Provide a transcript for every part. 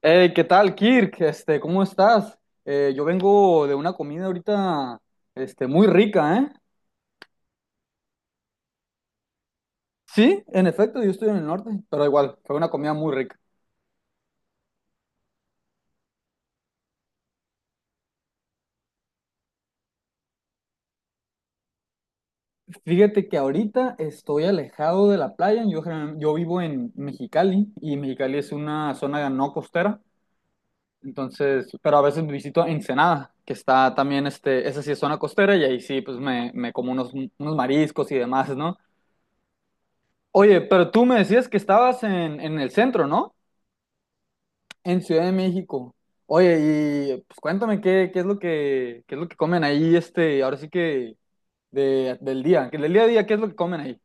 Hey, ¿qué tal, Kirk? ¿Cómo estás? Yo vengo de una comida ahorita, muy rica, ¿eh? Sí, en efecto, yo estoy en el norte, pero igual, fue una comida muy rica. Fíjate que ahorita estoy alejado de la playa, yo, yo vivo en Mexicali y Mexicali es una zona no costera, entonces, pero a veces visito Ensenada, que está también, esa sí es zona costera y ahí sí, pues me como unos, unos mariscos y demás, ¿no? Oye, pero tú me decías que estabas en el centro, ¿no? En Ciudad de México. Oye, y pues cuéntame qué es lo que, qué es lo que comen ahí, ahora sí que del día, que del día a día, ¿qué es lo que comen ahí?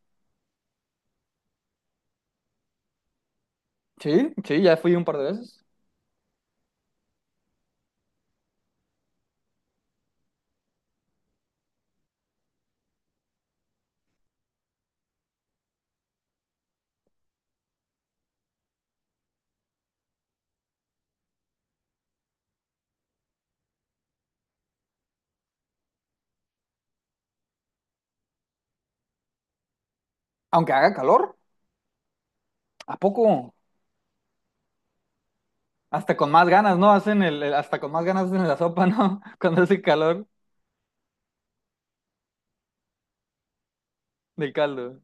Sí, sí, ya fui un par de veces. Aunque haga calor, ¿a poco? Hasta con más ganas, ¿no? Hacen hasta con más ganas hacen la sopa, ¿no? Cuando hace calor del caldo.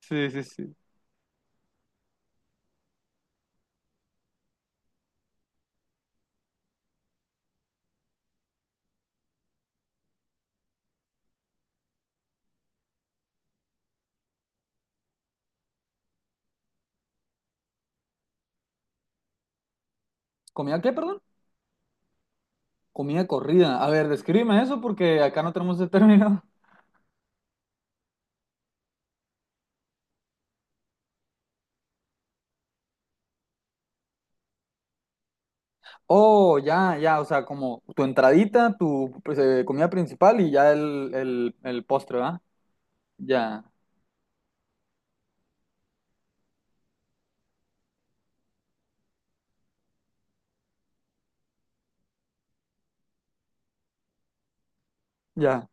Sí, sí, sí. ¿Comida qué, perdón? Comida corrida. A ver, descríbeme eso porque acá no tenemos ese término. Oh, ya, ya, o sea, como tu entradita, tu pues, comida principal y ya el postre, ¿verdad? Ya, ya.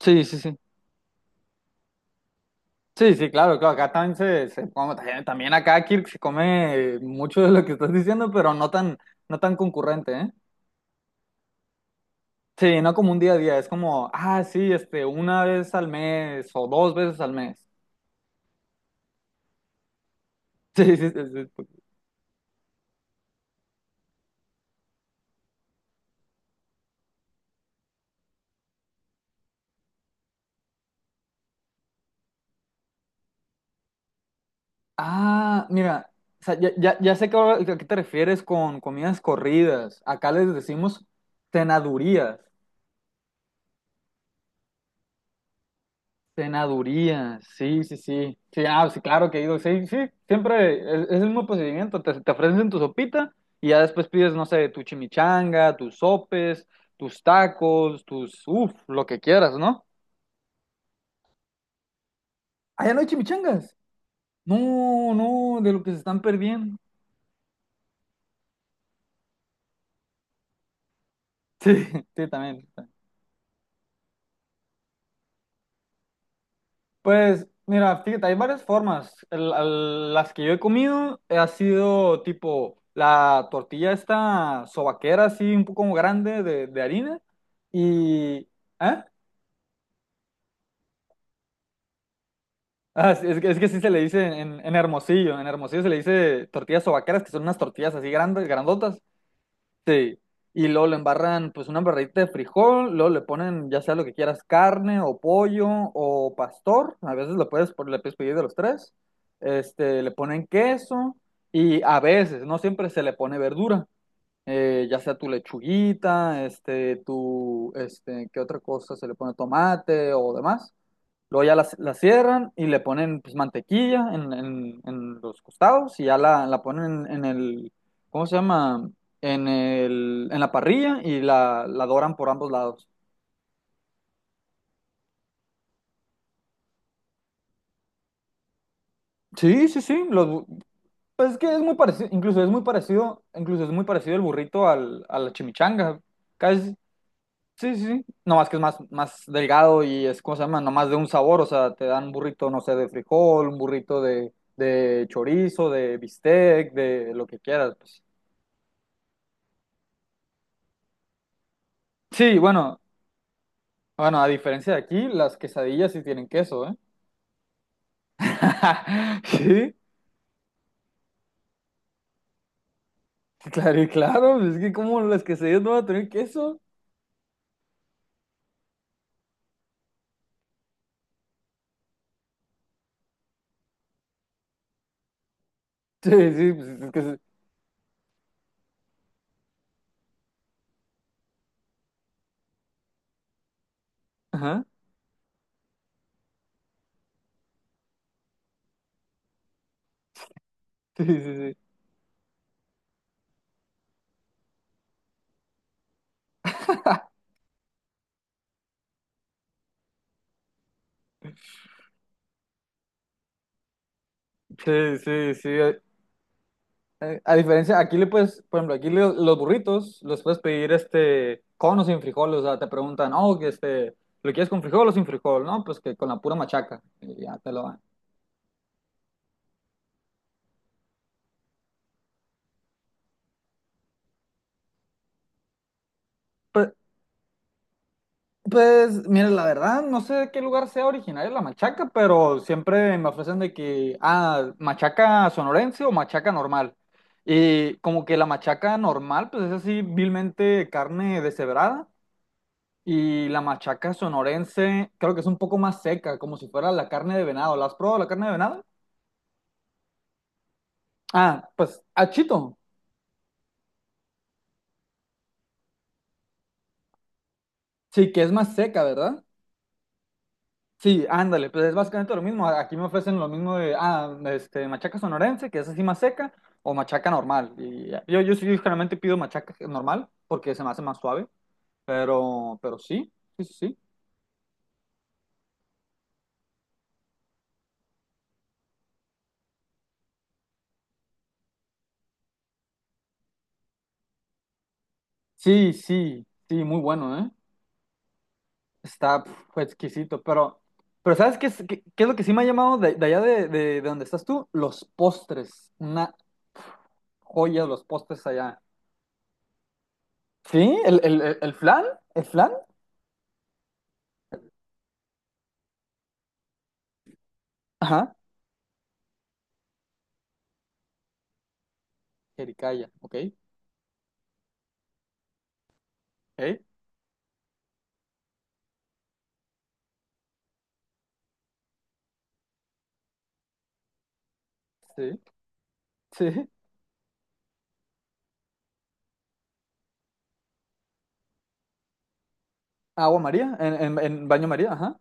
Sí, sí, sí. Sí, sí, claro, claro. Acá también se como también, también acá Kirk se come mucho de lo que estás diciendo, pero no tan, no tan concurrente, ¿eh? Sí, no como un día a día, es como, ah, sí, este, una vez al mes o dos veces al mes. Sí, sí, sí, sí. Ah, mira, o sea, ya, ya, ya sé que a qué te refieres con comidas corridas. Acá les decimos cenadurías. Cenadurías, sí, sí, sí. Sí, ah, sí, claro que he ido. Sí, sí, siempre es el mismo procedimiento. Te ofrecen tu sopita y ya después pides, no sé, tu chimichanga, tus sopes, tus tacos, tus, uff, lo que quieras, ¿no? Allá no hay chimichangas. No, no, de lo que se están perdiendo. Sí, sí, también. Pues mira, fíjate, hay varias formas. Las que yo he comido ha sido tipo la tortilla esta sobaquera, así un poco grande de harina. Y... ¿Eh? Ah, sí, es que sí se le dice en Hermosillo. En Hermosillo se le dice tortillas sobaqueras, que son unas tortillas así grandes, grandotas. Sí, y luego le embarran pues una embarradita de frijol, luego le ponen ya sea lo que quieras, carne o pollo o pastor, a veces lo puedes, le puedes pedir de los tres, le ponen queso y a veces, no siempre se le pone verdura, ya sea tu lechuguita, tu, ¿qué otra cosa se le pone tomate o demás? Luego ya la cierran y le ponen pues, mantequilla en los costados y ya la ponen en el, ¿cómo se llama? En la parrilla y la doran por ambos lados. Sí, sí, sí. Los, pues es que es muy parecido, incluso es muy parecido, incluso es muy parecido el burrito al, a la chimichanga. Casi, sí, sí, sí. No más que es más, más delgado y es, ¿cómo se llama? Nomás de un sabor, o sea, te dan un burrito, no sé, de frijol, un burrito de chorizo, de bistec, de lo que quieras, pues. Sí, bueno, bueno, a diferencia de aquí, las quesadillas sí tienen queso, ¿eh? Sí, claro, y claro, pues es que como las quesadillas no van a tener queso. Sí, sí, pues es que sí. Ajá. Sí, sí, sí. Sí, sí, sí. A diferencia, aquí le puedes, por ejemplo, aquí los burritos los puedes pedir este con o sin frijol, o sea, te preguntan, oh, que este, ¿lo quieres con frijol o sin frijol? No, pues que con la pura machaca, y ya te lo dan. Pues, pues, mira, la verdad, no sé de qué lugar sea originaria la machaca, pero siempre me ofrecen de que, ah, machaca sonorense o machaca normal. Y como que la machaca normal, pues es así, vilmente carne deshebrada. Y la machaca sonorense, creo que es un poco más seca, como si fuera la carne de venado. ¿La has probado la carne de venado? Ah, pues, achito. Sí, que es más seca, ¿verdad? Sí, ándale, pues es básicamente lo mismo. Aquí me ofrecen lo mismo de, ah, este, machaca sonorense, que es así más seca, o machaca normal. Y ah, yo, sí, generalmente pido machaca normal, porque se me hace más suave, pero sí, sí, sí, sí. Sí, sí, sí, muy bueno, ¿eh? Está pf, exquisito, pero ¿sabes qué es, qué, qué es lo que sí me ha llamado de allá de donde estás tú? Los postres, una joya los postres allá. Sí, el flan, ajá, jericaya, ok, ok, sí. Sí, agua María, en baño María, ajá.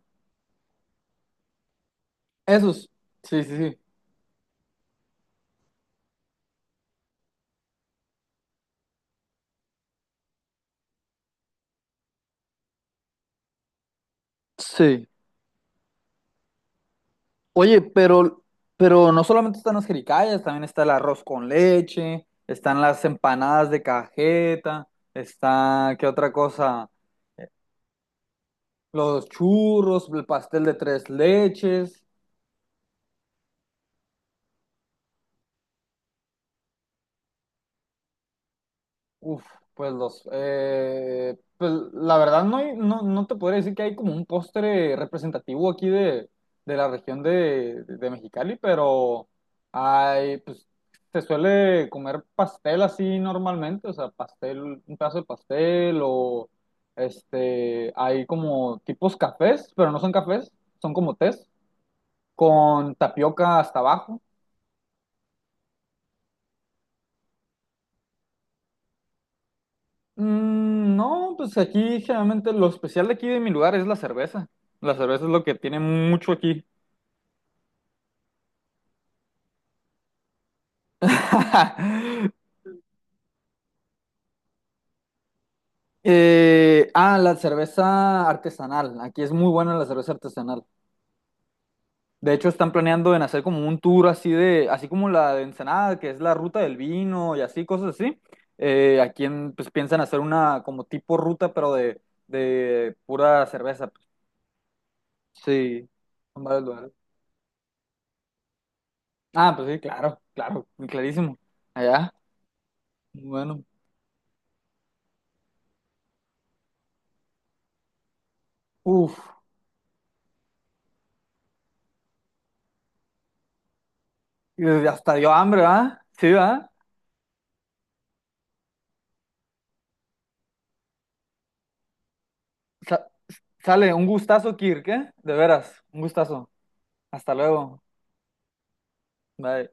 Esos, sí, sí, sí. Sí. Oye, pero no solamente están las jericayas, también está el arroz con leche, están las empanadas de cajeta, está, ¿qué otra cosa? Los churros, el pastel de tres leches. Uf, pues los, pues la verdad no, no, no te podría decir que hay como un postre representativo aquí de la región de Mexicali, pero hay, pues se suele comer pastel así normalmente, o sea, pastel, un pedazo de pastel o este, hay como tipos cafés, pero no son cafés, son como tés, con tapioca hasta abajo. Mm, no, pues aquí generalmente lo especial de aquí de mi lugar es la cerveza. La cerveza es lo que tiene mucho aquí. La cerveza artesanal. Aquí es muy buena la cerveza artesanal. De hecho, están planeando en hacer como un tour así de, así como la de Ensenada, que es la ruta del vino y así, cosas así. Aquí pues piensan hacer una como tipo ruta, pero de pura cerveza, pues. Sí, en varios lugares. Ah, pues sí, claro, claro, clarísimo. Allá. Bueno, uff, hasta dio hambre, ¿ah? Sí, ¿ah? Sale, un gustazo, Kirk, ¿eh? De veras, un gustazo. Hasta luego. Bye.